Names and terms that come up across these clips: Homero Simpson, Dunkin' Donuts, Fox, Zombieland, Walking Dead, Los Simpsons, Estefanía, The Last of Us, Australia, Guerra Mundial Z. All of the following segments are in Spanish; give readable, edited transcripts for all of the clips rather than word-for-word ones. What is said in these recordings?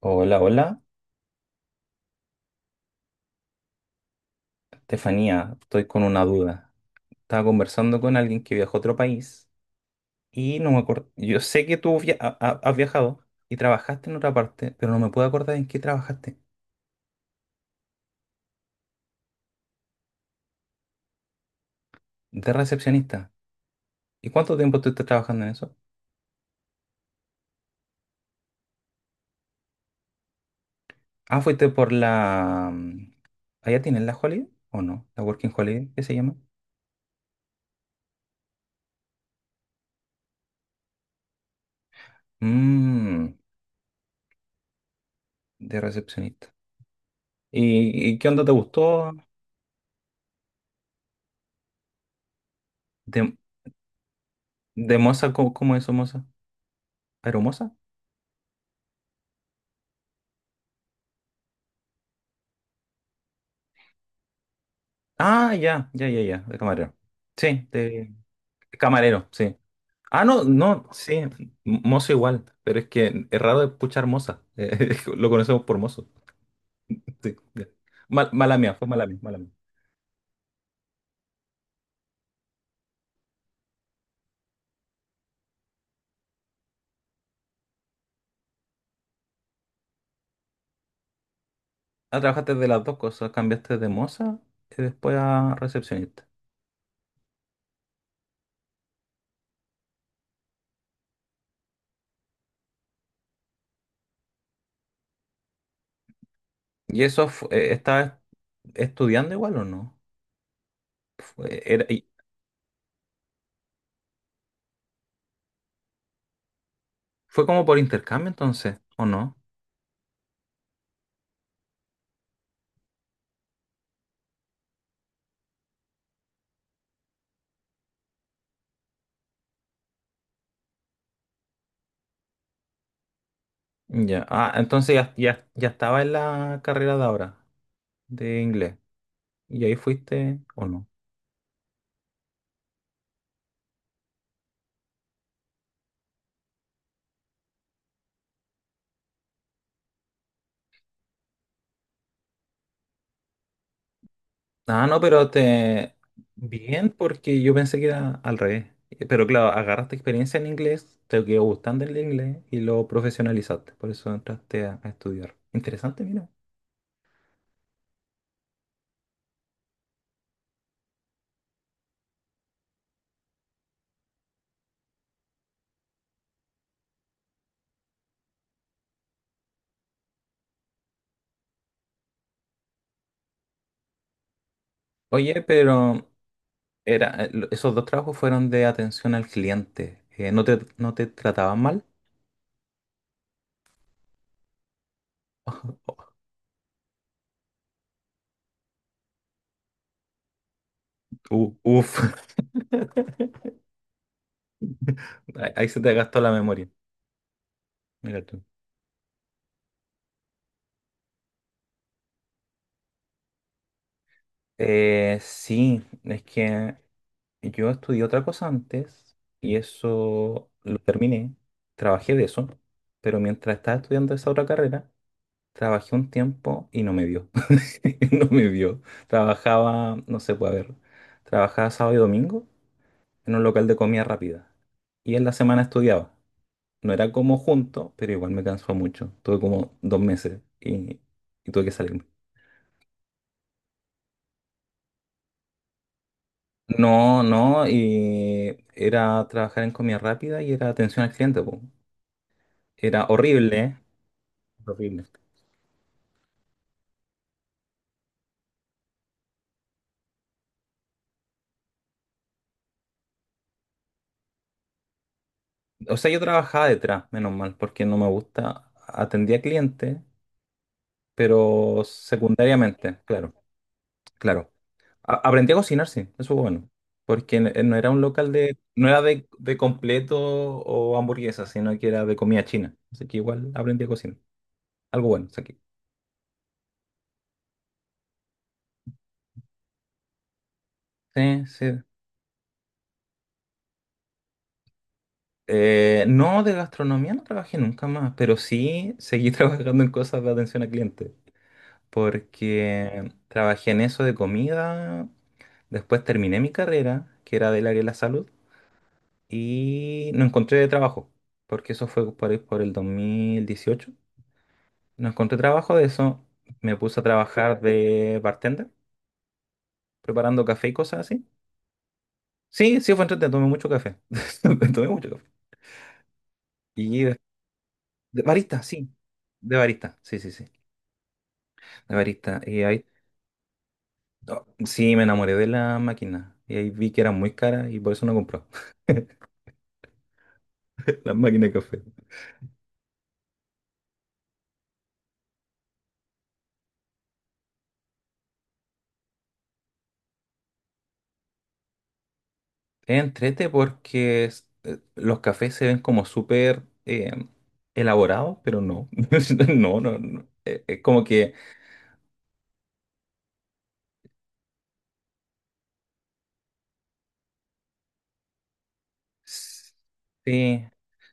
Hola, hola, Estefanía, estoy con una duda. Estaba conversando con alguien que viajó a otro país y no me acuerdo. Yo sé que tú has viajado y trabajaste en otra parte, pero no me puedo acordar en qué trabajaste. De recepcionista. ¿Y cuánto tiempo estuviste trabajando en eso? Ah, fuiste por la... ¿Allá tienen la Holiday o no? ¿La Working Holiday? ¿Qué se llama? Mmm, de recepcionista. ¿Y qué onda te gustó? ¿De, de moza? Cómo es moza? ¿Aeromoza? Ah, ya, ya, ya, ya, de camarero. Sí, de camarero, sí. Ah, no, no, sí, mozo igual, pero es que es raro escuchar moza. Lo conocemos por mozo. Sí, ya. Mala mía, fue mala mía, mala mía. Ah, trabajaste de las dos cosas, cambiaste de moza y después a recepcionista. ¿Y eso estabas estudiando igual o no? Fue, era- y- Fue como por intercambio entonces, ¿o no? Ya, ah, entonces ya, ya, ya estaba en la carrera de ahora, de inglés. ¿Y ahí fuiste o no? Ah, no, pero te... Bien, porque yo pensé que era al revés. Pero claro, agarraste experiencia en inglés, te quedó gustando el inglés y lo profesionalizaste. Por eso entraste a estudiar. Interesante, mira. Oye, pero esos dos trabajos fueron de atención al cliente. No te trataban mal? Uf. Ahí se te gastó la memoria. Mira tú. Sí, es que yo estudié otra cosa antes y eso lo terminé, trabajé de eso, pero mientras estaba estudiando esa otra carrera, trabajé un tiempo y no me dio. No me dio. Trabajaba, no sé, puede ver, trabajaba sábado y domingo en un local de comida rápida y en la semana estudiaba. No era como junto, pero igual me cansó mucho. Tuve como 2 meses y tuve que salirme. No, no, y era trabajar en comida rápida y era atención al cliente, po. Era horrible, horrible. O sea, yo trabajaba detrás, menos mal, porque no me gusta. Atendía clientes, pero secundariamente, claro, claro. Aprendí a cocinar, sí, eso fue bueno. Porque no era un local de, no era de completo o hamburguesas, sino que era de comida china. Así que igual aprendí a cocinar. Algo bueno, saqué. Sí, sí. No, de gastronomía no trabajé nunca más, pero sí seguí trabajando en cosas de atención a clientes. Porque trabajé en eso de comida, después terminé mi carrera, que era del área de la salud, y no encontré trabajo, porque eso fue por ahí por el 2018. No encontré trabajo de eso, me puse a trabajar de bartender, preparando café y cosas así. Sí, sí fue entretenido, tomé mucho café, tomé mucho café. Y de, de barista, sí, de barista, sí, sí, sí, de barista. Y ahí, no, sí, me enamoré de la máquina, y ahí vi que era muy cara y por eso no compró. Las máquinas de café. Es entrete porque los cafés se ven como súper elaborados, pero no. No, no, no. Es como que. Sí.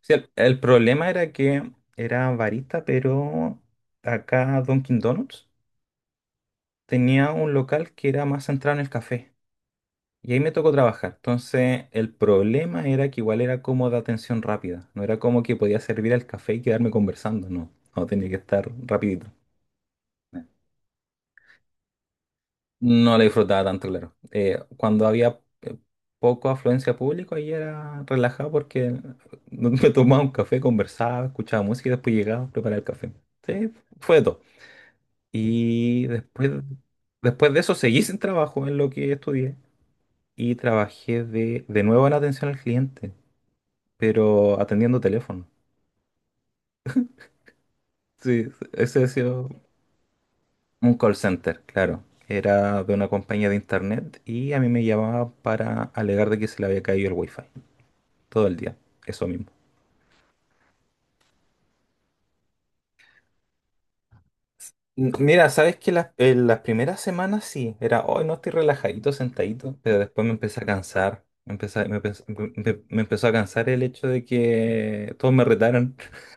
Sí, el problema era que era barista, pero acá Dunkin' Donuts tenía un local que era más centrado en el café. Y ahí me tocó trabajar. Entonces, el problema era que igual era como de atención rápida. No era como que podía servir el café y quedarme conversando. No, no tenía que estar rapidito. No la disfrutaba tanto, claro. Cuando había poco afluencia de público, ahí era relajado porque me tomaba un café, conversaba, escuchaba música y después llegaba a preparar el café. Sí, fue de todo. Y después, después de eso seguí sin trabajo en lo que estudié y trabajé de nuevo en atención al cliente, pero atendiendo teléfono. Sí, ese ha sido un call center, claro. Era de una compañía de internet y a mí me llamaban para alegar de que se le había caído el wifi todo el día, eso mismo. Mira, sabes que en las primeras semanas sí, era, hoy no estoy relajadito, sentadito, pero después me empecé a cansar, me empezó a cansar el hecho de que todos me retaran.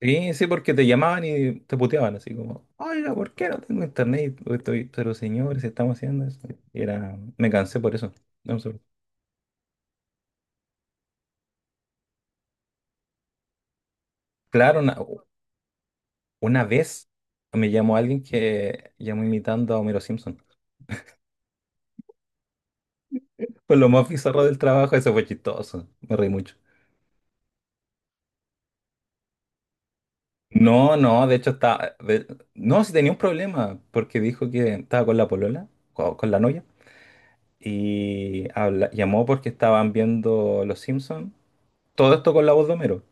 Sí, sí, porque te llamaban y te puteaban, así como, oiga, ¿por qué no tengo internet? O estoy, pero señores, estamos haciendo eso. Y era, me cansé por eso. No sé. Claro, una vez me llamó alguien que llamó imitando a Homero Simpson. Fue lo más bizarro del trabajo, eso fue chistoso, me reí mucho. No, no, de hecho estaba... de- No, sí tenía un problema, porque dijo que estaba con la polola, la novia, y llamó porque estaban viendo Los Simpsons, todo esto con la voz de Homero.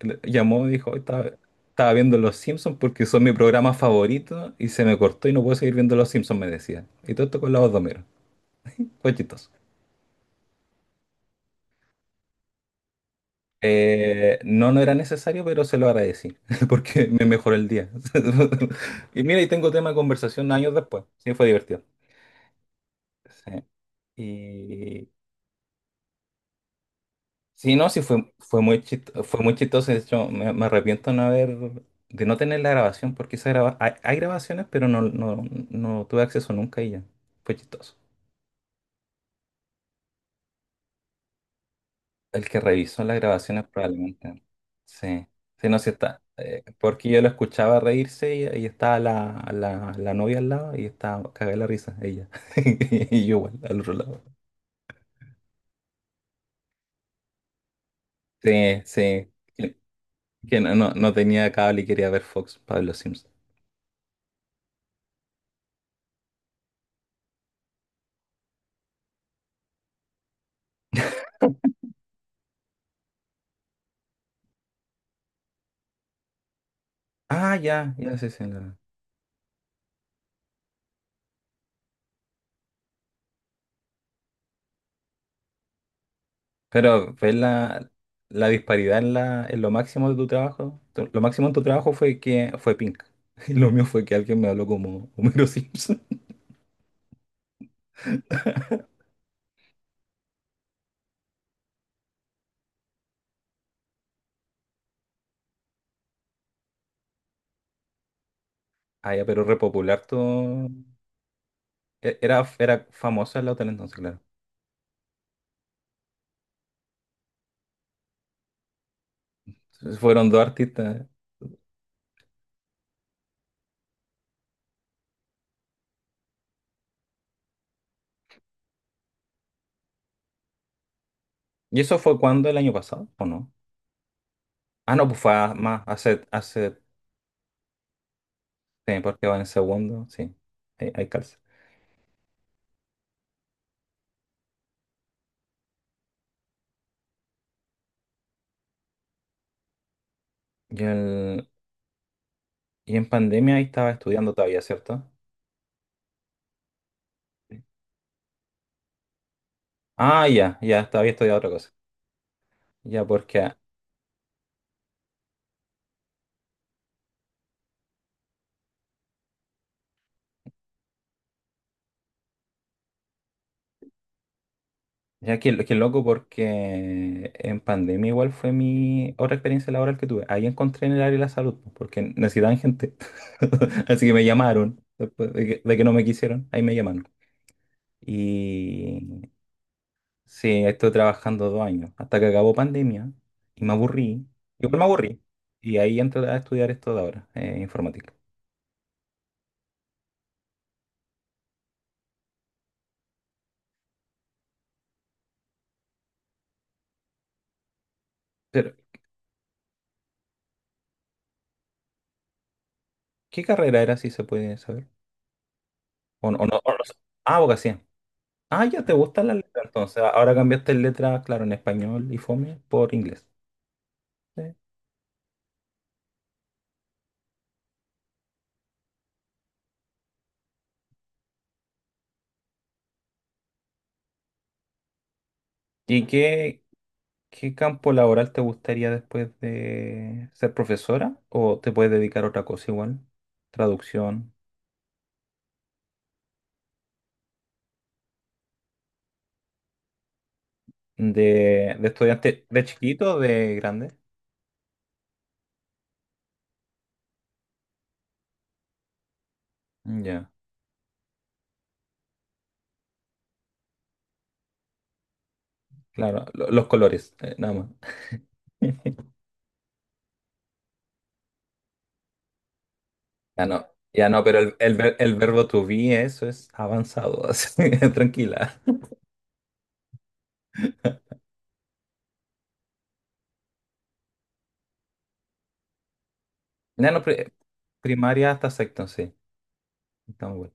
Llamó y dijo, "Hoy estaba, estaba viendo Los Simpsons porque son mi programa favorito, y se me cortó y no puedo seguir viendo Los Simpsons", me decía. Y todo esto con la voz de Homero, fue chistoso. No, no era necesario, pero se lo agradecí, porque me mejoró el día. Y mira, y tengo tema de conversación años después. Sí, fue divertido. Sí. Y sí, no, sí, fue, fue muy chistoso, fue muy chistoso. De hecho, me arrepiento no haber, de no tener la grabación, porque esa hay, hay grabaciones, pero no, no, no tuve acceso nunca y ya. Fue chistoso. El que revisó las grabaciones probablemente. Sí, sí, no, sí está. Porque yo lo escuchaba reírse y estaba la novia al lado y estaba cagada la risa, ella. Y yo igual, al otro lado. Sí, sí. Que, que no, no, no tenía cable y quería ver Fox, Pablo Simpson. Ah, ya, ya, sí, sí. No. Pero ¿ves la disparidad en, en lo máximo de tu trabajo? Lo máximo en tu trabajo fue que fue Pink. Y lo mío fue que alguien me habló como Homero Simpson. Ah, ya, pero repopular tú. Era, era famosa la otra entonces, claro. Entonces fueron dos artistas. ¿Y eso fue cuando? ¿El año pasado? ¿O no? Ah, no, pues más hace, hace sí, porque va en segundo. Sí, hay calza. Y, el, y en pandemia ahí estaba estudiando todavía, ¿cierto? Sí. Ah, ya, ya, todavía estudiando otra cosa. Ya, porque Ya que loco porque en pandemia igual fue mi otra experiencia laboral que tuve. Ahí encontré en el área de la salud, pues, porque necesitaban gente. Así que me llamaron, después de que no me quisieron, ahí me llamaron. Y sí, estoy trabajando 2 años, hasta que acabó pandemia y me aburrí. Igual me aburrí. Y ahí entré a estudiar esto de ahora, informática. Pero, ¿qué carrera era, si se puede saber? O no, sé. Ah, abogacía. Ah, ya te gustan las letras, entonces. Ahora cambiaste letras, claro, en español y fome por inglés. Sí. ¿Y qué, qué campo laboral te gustaría después de ser profesora? ¿O te puedes dedicar a otra cosa igual? Traducción de estudiante de chiquito o de grande. Ya, claro, los colores, nada más. Ya no, ya no, pero el verbo to be, eso es avanzado, así, tranquila. Ya no, primaria hasta sexto, sí. Estamos bien.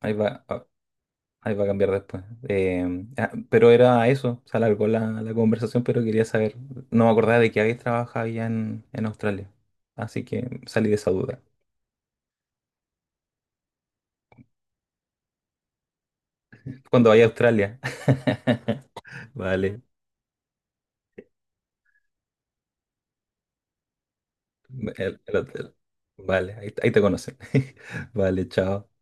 Ahí va. Ahí va a cambiar después. Pero era eso, se alargó la conversación, pero quería saber, no me acordaba de que habéis trabajado allá en Australia. Así que salí de esa duda. Cuando vaya a Australia. Vale, el hotel. Vale, ahí, ahí te conocen. Vale, chao.